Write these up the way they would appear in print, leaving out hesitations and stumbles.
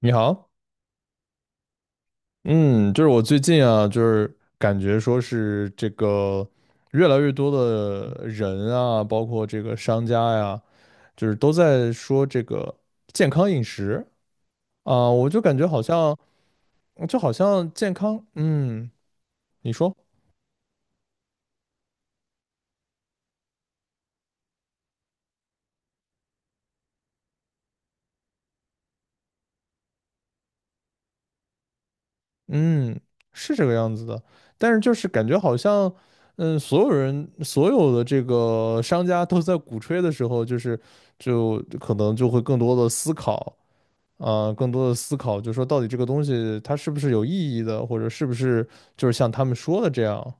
你好，嗯，就是我最近啊，就是感觉说是这个越来越多的人啊，包括这个商家呀，就是都在说这个健康饮食啊，我就感觉好像就好像健康，你说，嗯，是这个样子的，但是就是感觉好像，所有人所有的这个商家都在鼓吹的时候，就可能就会更多的思考。更多的思考，就是说到底这个东西它是不是有意义的，或者是不是就是像他们说的这样？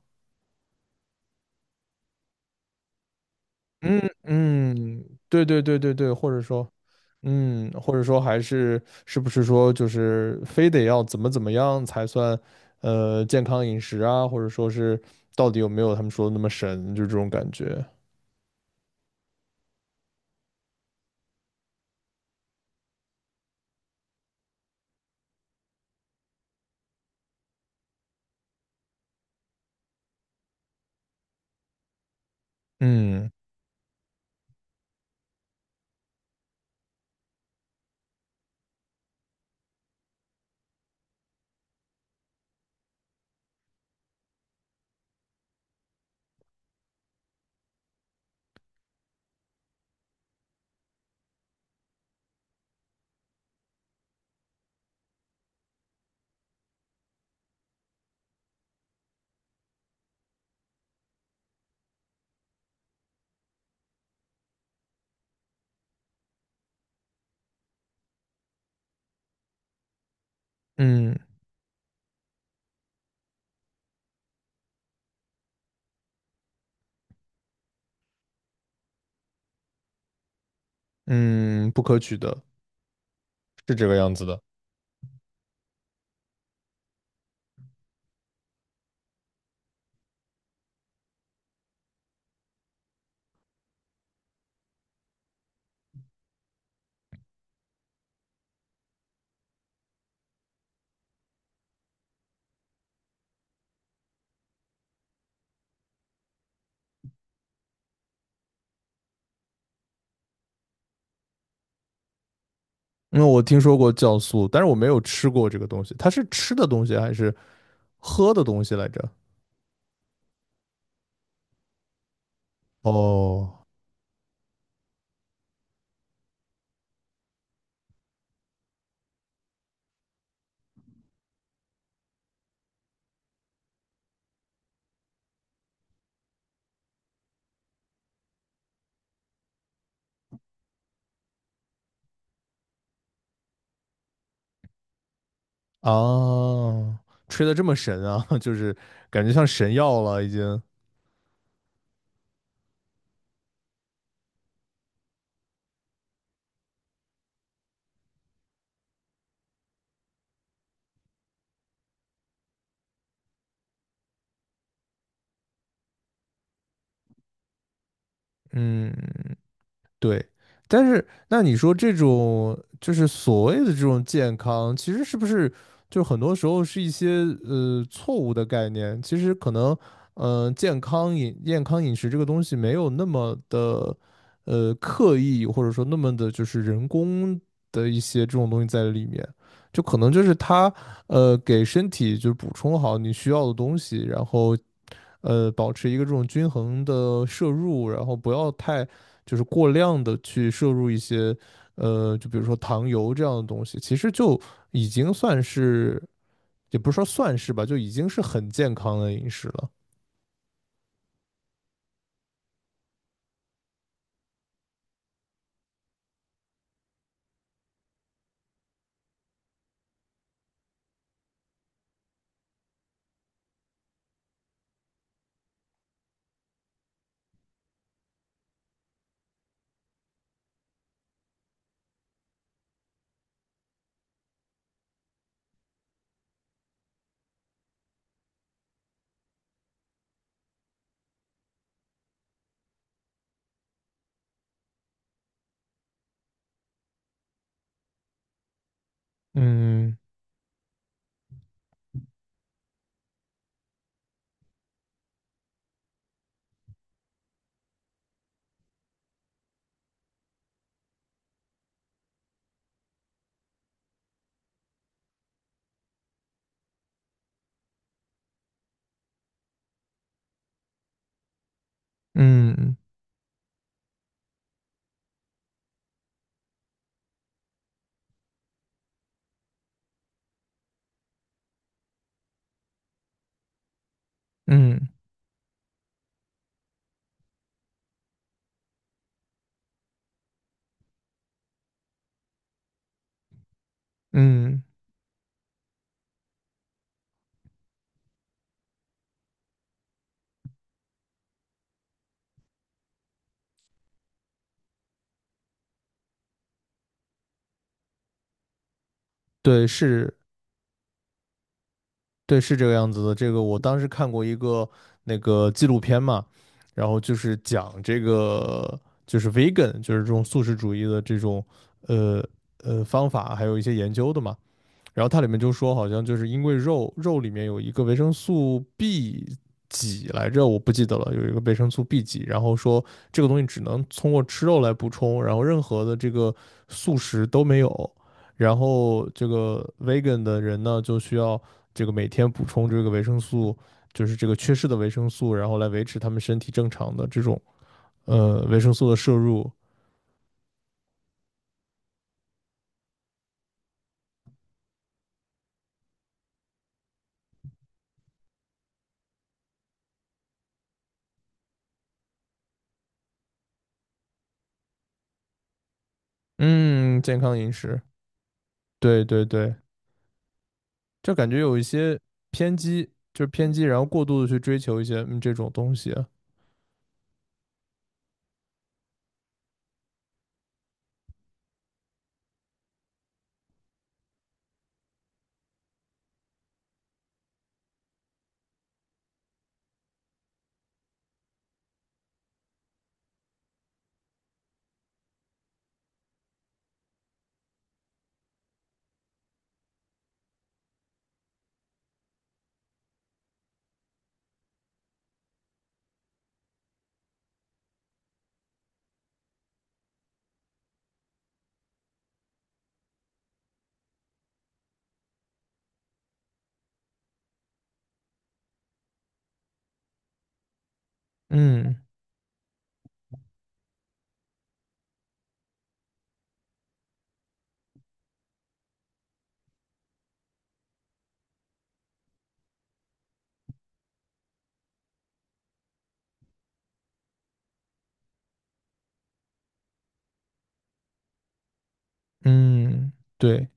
嗯嗯，对对对对对，或者说，或者说还是是不是说就是非得要怎么怎么样才算健康饮食啊，或者说是到底有没有他们说的那么神，就这种感觉。嗯嗯。嗯，不可取的，是这个样子的。因为我听说过酵素，但是我没有吃过这个东西。它是吃的东西还是喝的东西来着？哦。啊，吹得这么神啊，就是感觉像神药了已经。嗯。对，但是那你说这种就是所谓的这种健康，其实是不是就很多时候是一些错误的概念？其实可能，健康饮食这个东西没有那么的刻意，或者说那么的就是人工的一些这种东西在里面，就可能就是它给身体就是补充好你需要的东西，然后保持一个这种均衡的摄入，然后不要太。就是过量的去摄入一些就比如说糖油这样的东西，其实就已经算是，也不是说算是吧，就已经是很健康的饮食了。嗯嗯嗯嗯，对，是，对，是这个样子的。这个我当时看过一个那个纪录片嘛，然后就是讲这个就是 vegan，就是这种素食主义的这种呃方法，还有一些研究的嘛。然后它里面就说，好像就是因为肉肉里面有一个维生素 B 几来着，我不记得了，有一个维生素 B 几，然后说这个东西只能通过吃肉来补充，然后任何的这个素食都没有。然后这个 vegan 的人呢，就需要这个每天补充这个维生素，就是这个缺失的维生素，然后来维持他们身体正常的这种维生素的摄入。嗯，健康饮食，对对对。就感觉有一些偏激，就是偏激，然后过度的去追求一些这种东西。嗯。嗯，对，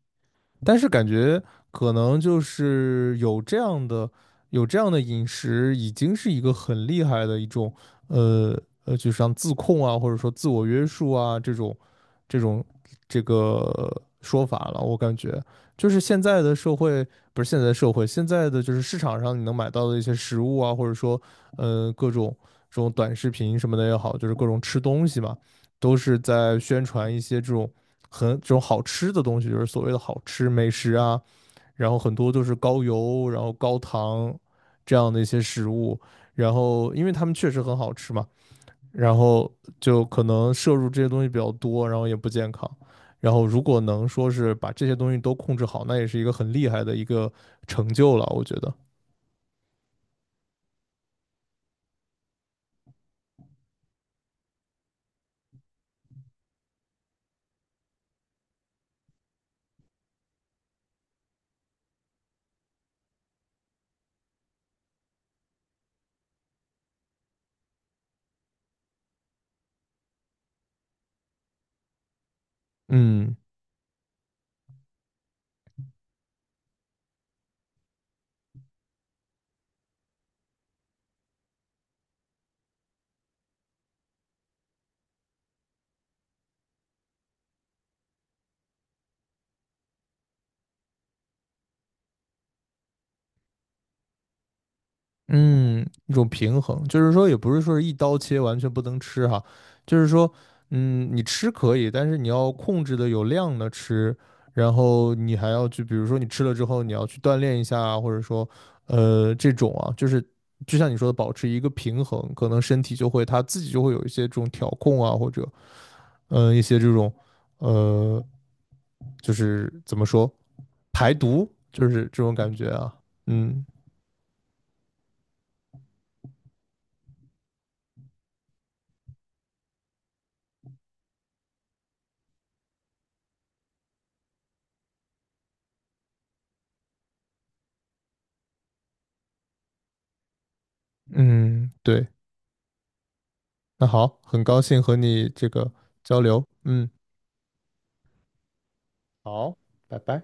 但是感觉可能就是有这样的有这样的饮食，已经是一个很厉害的一种呃就像自控啊，或者说自我约束啊这种这种这个说法了。我感觉就是现在的社会，不是现在的社会，现在的就是市场上你能买到的一些食物啊，或者说各种这种短视频什么的也好，就是各种吃东西嘛。都是在宣传一些这种很这种好吃的东西，就是所谓的好吃美食啊，然后很多都是高油，然后高糖这样的一些食物，然后因为他们确实很好吃嘛，然后就可能摄入这些东西比较多，然后也不健康。然后如果能说是把这些东西都控制好，那也是一个很厉害的一个成就了，我觉得。嗯。嗯，一种平衡，就是说也不是说是一刀切，完全不能吃哈，就是说，你吃可以，但是你要控制的有量的吃，然后你还要去，比如说你吃了之后，你要去锻炼一下啊，或者说，这种啊，就是就像你说的，保持一个平衡，可能身体就会它自己就会有一些这种调控啊，或者，一些这种，呃，就是怎么说，排毒，就是这种感觉啊。嗯嗯，对。那好，很高兴和你这个交流，嗯，好，拜拜。